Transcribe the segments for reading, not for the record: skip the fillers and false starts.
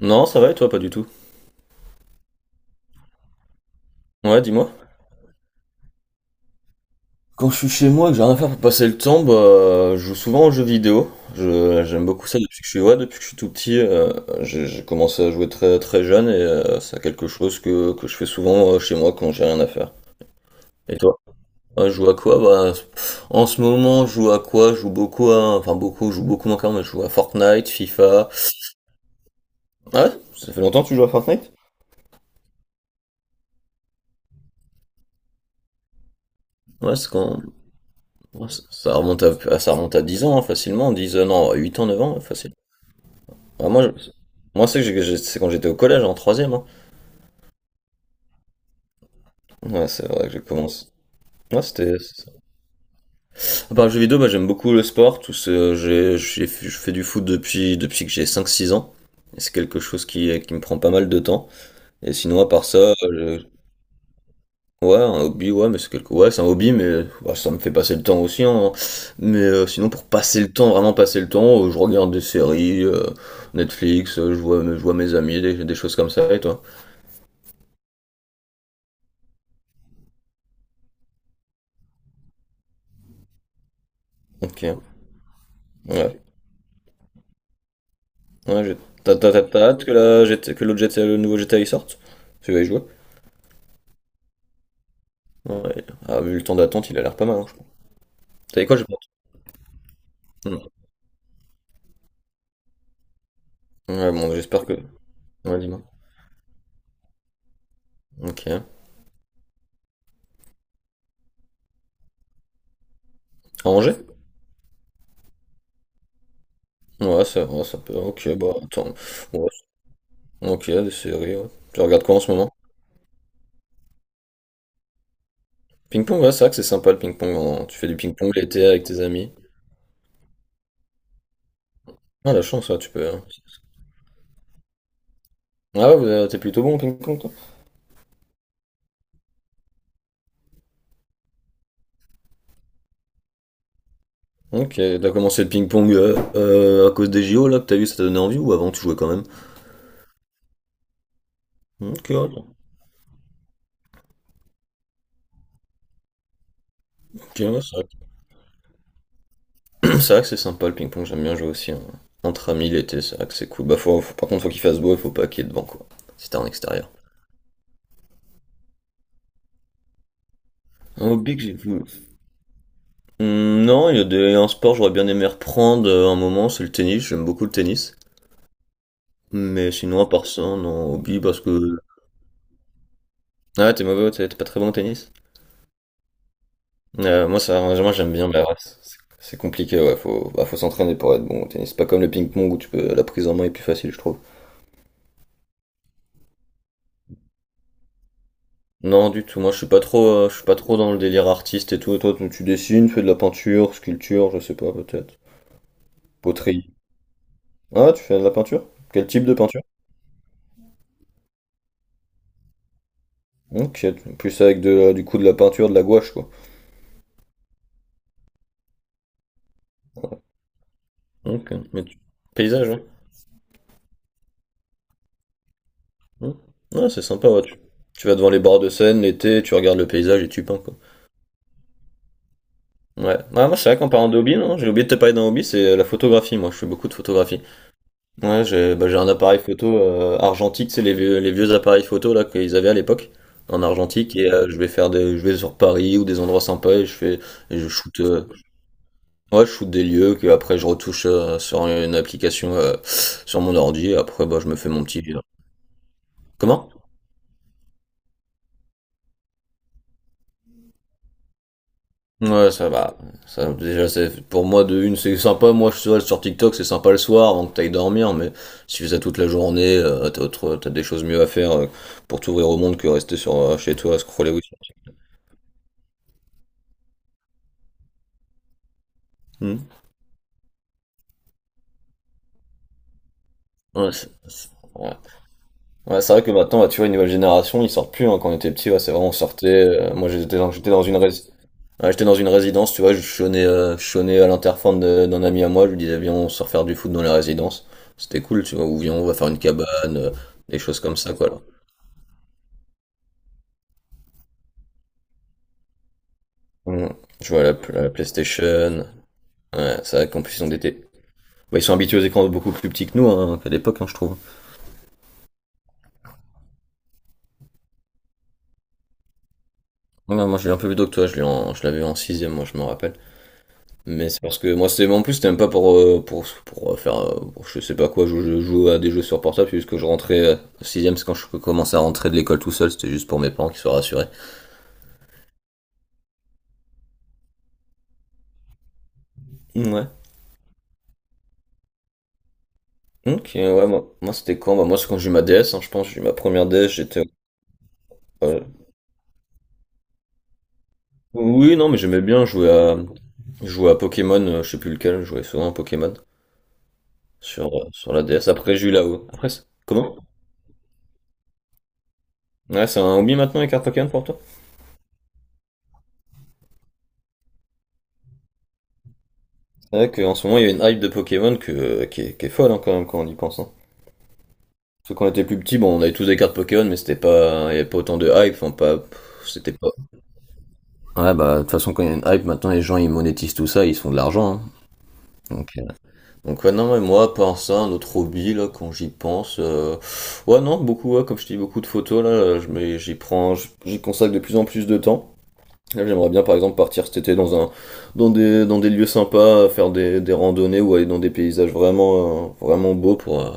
Non, ça va et toi, pas du tout. Ouais, dis-moi. Quand je suis chez moi et que j'ai rien à faire pour passer le temps, bah, je joue souvent aux jeux vidéo. J'aime beaucoup ça depuis que je suis, ouais, depuis que je suis tout petit. J'ai commencé à jouer très, très jeune et c'est quelque chose que je fais souvent chez moi quand j'ai rien à faire. Et toi? Ouais, je joue à quoi? Bah, en ce moment, je joue à quoi? Je joue beaucoup à, enfin beaucoup, je joue beaucoup moins quand même, mais je joue à Fortnite, FIFA. Ouais, ça fait longtemps que tu joues à Fortnite? Ouais, c'est quand, ouais, ça remonte à, ça remonte à 10 ans, hein, facilement, 10 non, 8 ans, 9 ans, facile. Ah, moi, c'est quand j'étais au collège, en troisième, hein. Ouais, c'est vrai que j'ai commencé. Ouais, c'était ça. À part le jeu vidéo, bah, j'aime beaucoup le sport. Tout ce, j'ai- Je fais du foot depuis, depuis que j'ai 5-6 ans. Et c'est quelque chose qui me prend pas mal de temps. Et sinon, à part ça, ouais, un hobby, ouais, mais ouais, c'est un hobby, mais bah, ça me fait passer le temps aussi, hein. Mais sinon, pour passer le temps, vraiment passer le temps, je regarde des séries, Netflix, je vois mes amis, des choses comme ça, et toi? Ok. Ouais. Ouais, t'as hâte que la GT que l'autre GTA, le nouveau GTA il sorte? Tu vas y jouer? Ouais. Ah, vu le temps d'attente, il a l'air pas mal, hein, je crois. T'as dit quoi, j'ai pas entendu. Hmm. Ouais, bon, j'espère que. Ouais, dis-moi. Ok. À Angers? Ouais, ça peut. Ok, bah, attends. Ouais, ok, des séries, ouais. Tu regardes quoi en ce moment? Ping-pong, ouais, c'est vrai que c'est sympa le ping-pong, hein. Tu fais du ping-pong l'été avec tes amis. Ah, la chance, ouais, tu peux, hein. Ah ouais, vous, t'es plutôt bon au ping-pong, toi? Ok, t'as commencé le ping-pong à cause des JO, là, que t'as vu, ça t'a donné envie, ou avant tu jouais quand même? Ok, ouais. Ok, ouais, ça c'est vrai que c'est sympa le ping-pong, j'aime bien jouer aussi, hein. Entre amis l'été, c'est vrai que c'est cool. Bah, par contre, faut qu'il fasse beau, il faut pas qu'il y ait de vent, quoi. C'était en extérieur. Un hobby que j'ai voulu. Hmm, non, il y a des... un sport, j'aurais bien aimé reprendre un moment, c'est le tennis, j'aime beaucoup le tennis. Mais sinon, à part ça, non, hobby, parce que. Ah, ouais, t'es mauvais, t'es pas très bon au tennis? Moi, ça, moi, j'aime bien, mais ouais, c'est compliqué, ouais, bah, faut s'entraîner pour être bon au tennis. C'est pas comme le ping-pong où tu peux, la prise en main est plus facile, je trouve. Non, du tout. Moi, je suis pas trop dans le délire artiste et tout. Toi, tu dessines, tu fais de la peinture, sculpture, je sais pas, peut-être. Poterie. Ah, tu fais de la peinture? Quel type de peinture? Ok, plus avec du coup de la peinture, de la gouache, quoi. Ok, paysage, ouais. Hmm. Ouais, c'est sympa, ouais. Tu vas devant les bords de Seine l'été, tu regardes le paysage et tu peins, quoi. Ouais. Ah, moi, c'est vrai qu'en parlant de hobby, non, j'ai oublié de te parler d'un hobby, c'est la photographie. Moi, je fais beaucoup de photographie. Ouais, j'ai bah, j'ai un appareil photo argentique, c'est les vieux appareils photo là qu'ils avaient à l'époque en argentique et je vais sur Paris ou des endroits sympas et je fais et je shoot ouais, je shoot des lieux que après je retouche sur une application sur mon ordi et après bah je me fais mon petit Comment? Ouais, ça va. Ça, déjà, c'est, pour moi, de une, c'est sympa. Moi, je suis sur TikTok, c'est sympa le soir avant que t'ailles dormir, mais si tu fais ça toute la journée, t'as des choses mieux à faire pour t'ouvrir au monde que rester chez toi à scroller. Oui. Ouais, ouais. Ouais, c'est vrai que maintenant, bah, tu vois, une nouvelle génération, ils sortent plus, hein. Quand on était petit, ouais, c'est vraiment on sortait. Moi, j'étais dans j'étais dans une résidence, tu vois, je chonnais à l'interphone d'un ami à moi. Je lui disais, viens, on sort faire du foot dans la résidence. C'était cool, tu vois. Ou viens, on va faire une cabane, euh, des choses comme ça, quoi, là. Mm. Je vois la PlayStation. Ouais, c'est vrai qu'en plus, ils ont bah, ils sont habitués aux écrans beaucoup plus petits que nous, hein, qu'à l'époque, hein, je trouve. Ouais, moi, je l'ai un peu plus tôt que toi. Je l'avais en sixième, moi, je me rappelle. Mais c'est parce que moi, c'était en plus, c'était même pas pour, pour faire. Pour je sais pas quoi, je jouais à des jeux sur portable, c'est juste que je rentrais au 6 c'est quand je commençais à rentrer de l'école tout seul, c'était juste pour mes parents qui soient rassurés. Ouais. Ok, ouais, moi c'était quand? Bah, moi, c'est quand j'ai eu ma DS, hein, je pense, j'ai eu ma première DS, j'étais. euh, Oui, non, mais j'aimais bien jouer à Pokémon, je sais plus lequel, je jouais souvent à Pokémon sur la DS. Après, j'ai eu là-haut. Après, comment? Ouais, c'est un hobby maintenant les cartes Pokémon pour toi? C'est vrai qu'en ce moment, il y a une hype de Pokémon qui est folle, hein, quand même quand on y pense, hein. Parce que quand on était plus petit, bon, on avait tous des cartes Pokémon, mais c'était pas, il y avait pas autant de hype, enfin, pas, pff, c'était pas. Ouais, bah, de toute façon, quand il y a une hype, maintenant, les gens, ils monétisent tout ça, ils se font de l'argent, hein. Donc, euh, donc, ouais, non, mais moi, par ça, un autre hobby, là, quand j'y pense, ouais, non, beaucoup, ouais, comme je dis, beaucoup de photos, là, j'y prends, j'y consacre de plus en plus de temps. Là, j'aimerais bien, par exemple, partir cet été dans des lieux sympas, des randonnées ou aller dans des paysages vraiment beaux pour,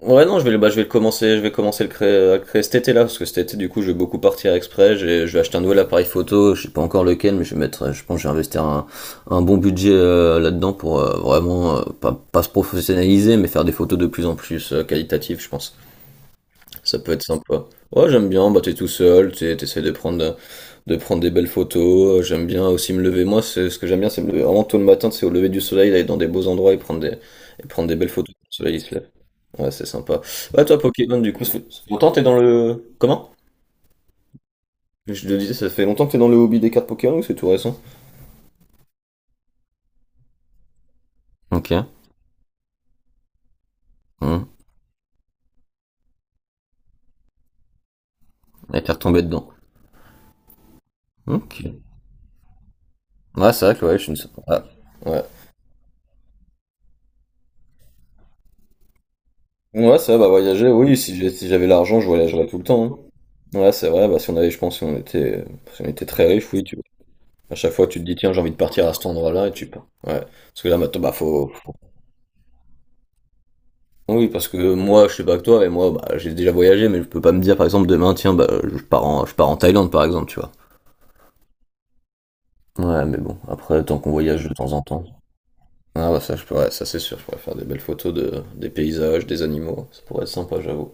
Ouais, non, je vais, bah, je vais commencer le créer, à le créer cet été-là, parce que cet été, du coup, je vais beaucoup partir exprès, je vais acheter un nouvel appareil photo, je sais pas encore lequel, mais je vais mettre, je pense, que je vais investir un bon budget là-dedans pour vraiment, pas se professionnaliser, mais faire des photos de plus en plus qualitatives, je pense. Ça peut être sympa. Ouais, j'aime bien, bah, t'es tout seul, t'essaies de prendre, de prendre des belles photos. J'aime bien aussi me lever. Moi, ce que j'aime bien, c'est me lever vraiment tôt le matin, c'est au lever du soleil, aller dans des beaux endroits et et prendre des belles photos. Quand le soleil, il se lève. Ouais, c'est sympa. Ouais, toi, Pokémon, du coup, ça fait longtemps que t'es dans. Comment? Je te disais, ça fait longtemps que t'es dans le hobby des cartes Pokémon ou c'est tout récent? Ok. Mmh. Et t'es retombé dedans. Ok. Ouais, c'est vrai que ouais, je ne sais pas. Ouais. Ouais, ça, bah voyager, oui, si j'avais l'argent, je voyagerais tout le temps. Hein. Ouais, c'est vrai, bah si on avait, je pense, si on était très riche, oui. À chaque fois, tu te dis, tiens, j'ai envie de partir à cet endroit-là, et tu pars. Ouais. Parce que là, maintenant, bah, faut... faut- Oui, parce que moi, je sais pas que toi, et moi, bah, j'ai déjà voyagé, mais je peux pas me dire, par exemple, demain, tiens, bah, je pars en Thaïlande, par exemple, tu vois. Ouais, mais bon, après, tant qu'on voyage de temps en temps. Ah, bah, ça, je pourrais, ça, c'est sûr, je pourrais faire des belles photos des paysages, des animaux. Ça pourrait être sympa, j'avoue.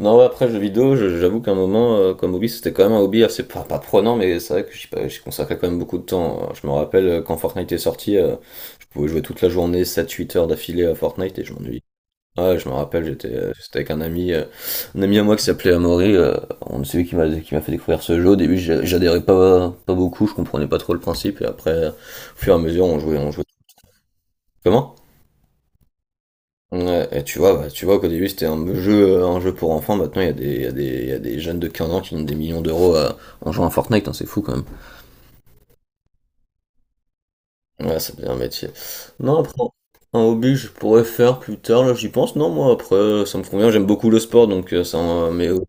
Non, ouais, après jeux vidéo, j'avoue qu'à un moment, comme hobby, c'était quand même un hobby assez pas prenant, mais c'est vrai que j'y pas- j'y consacrais quand même beaucoup de temps. Je me rappelle quand Fortnite est sorti, je pouvais jouer toute la journée, sept-huit heures d'affilée à Fortnite et je m'ennuyais. Ouais, je me rappelle, j'étais avec un ami à moi qui s'appelait Amaury, on c'est lui qui m'a fait découvrir ce jeu. Au début, j'adhérais pas beaucoup, je comprenais pas trop le principe, et après, au fur et à mesure, on jouait. Comment? Ouais, et tu vois, bah, tu vois qu'au début c'était un jeu pour enfants, maintenant il y a des jeunes de 15 ans qui ont des millions d'euros en jouant à Fortnite, hein, c'est fou quand même. Ouais, ça devient un métier. Non, après, un hobby je pourrais faire plus tard, là j'y pense. Non, moi après ça me convient, j'aime beaucoup le sport donc ça, mais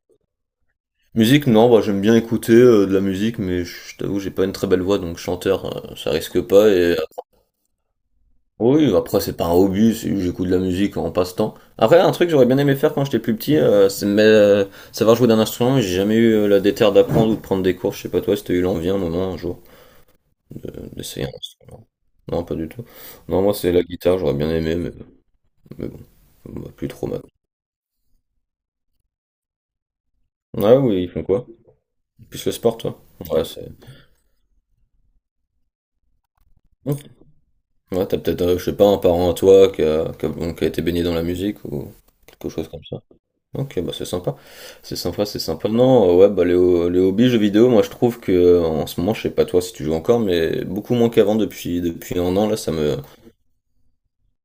musique, non, bah, j'aime bien écouter de la musique, mais je t'avoue, j'ai pas une très belle voix donc chanteur, ça risque pas. Et oui, après c'est pas un hobby, c'est- j'écoute de la musique en passe-temps. Après, un truc que j'aurais bien aimé faire quand j'étais plus petit, savoir jouer d'un instrument, mais j'ai jamais eu la déterre d'apprendre ou de prendre des cours. Je sais pas toi si t'as eu l'envie un moment, un jour, de- d'essayer un instrument. Non, pas du tout. Non, moi c'est la guitare, j'aurais bien aimé, mais bon, bah, plus trop mal. Ah oui, ils font quoi? Plus le sport, toi? Ouais, c'est... Ok. Ouais, t'as peut-être, je sais pas, un parent à toi qui a, bon, qui a été baigné dans la musique ou quelque chose comme ça. Ok, bah c'est sympa. C'est sympa, c'est sympa. Non, ouais, bah les hobbies jeux vidéo, moi je trouve que en ce moment, je sais pas toi si tu joues encore, mais beaucoup moins qu'avant depuis 1 an là, ça me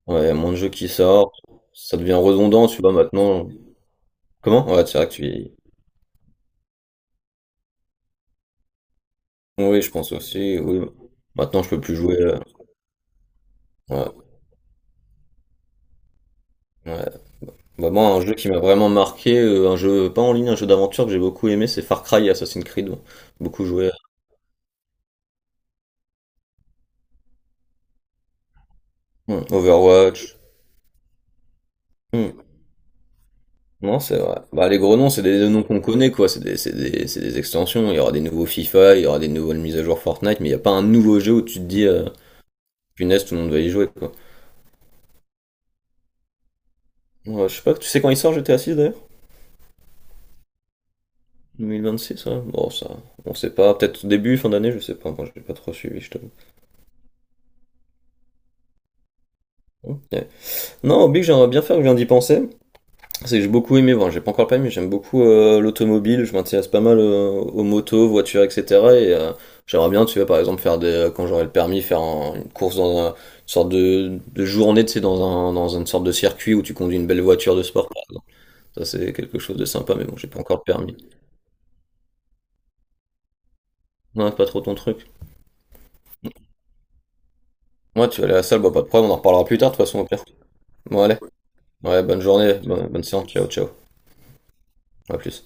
ouais, y a moins de jeux qui sortent, ça devient redondant, tu vois maintenant. Comment? Ouais, c'est vrai que tu vieillis. Oui, je pense aussi. Oui. Maintenant, je peux plus jouer. Euh, ouais, ouais. Bah moi, un jeu qui m'a vraiment marqué, un jeu pas en ligne, un jeu d'aventure que j'ai beaucoup aimé, c'est Far Cry et Assassin's Creed. Beaucoup joué. Hmm, Overwatch. Hmm. Non, c'est vrai. Bah, les gros noms, c'est des noms qu'on connaît, quoi. C'est des extensions. Il y aura des nouveaux FIFA, il y aura des nouvelles mises à jour Fortnite, mais il n'y a pas un nouveau jeu où tu te dis, punaise, tout le monde va y jouer, quoi. Ouais, je sais pas, tu sais quand il sort GTA 6 d'ailleurs? Six d'ailleurs? 2026, ouais. Bon, ça, on sait pas. Peut-être début, fin d'année, je sais pas. Moi, j'ai pas trop suivi, je t'avoue. Ok. Non, Oblique, j'aimerais bien faire, je viens d'y penser. C'est que j'ai beaucoup aimé, bon, j'ai pas encore le permis, mais j'aime beaucoup l'automobile, je m'intéresse pas mal aux motos, voitures, etc. Et j'aimerais bien, tu vois, par exemple, quand j'aurai le permis, faire une course dans une sorte de journée, tu sais, dans, un, dans une sorte de circuit où tu conduis une belle voiture de sport, par exemple. Ça, c'est quelque chose de sympa, mais bon, j'ai pas encore le permis. Non, c'est pas trop ton truc. Moi, tu vas aller à la salle, bah, pas de problème, on en reparlera plus tard, de toute façon, au pire. Bon, allez. Ouais, bonne journée, bonne séance, ciao, ciao. À plus.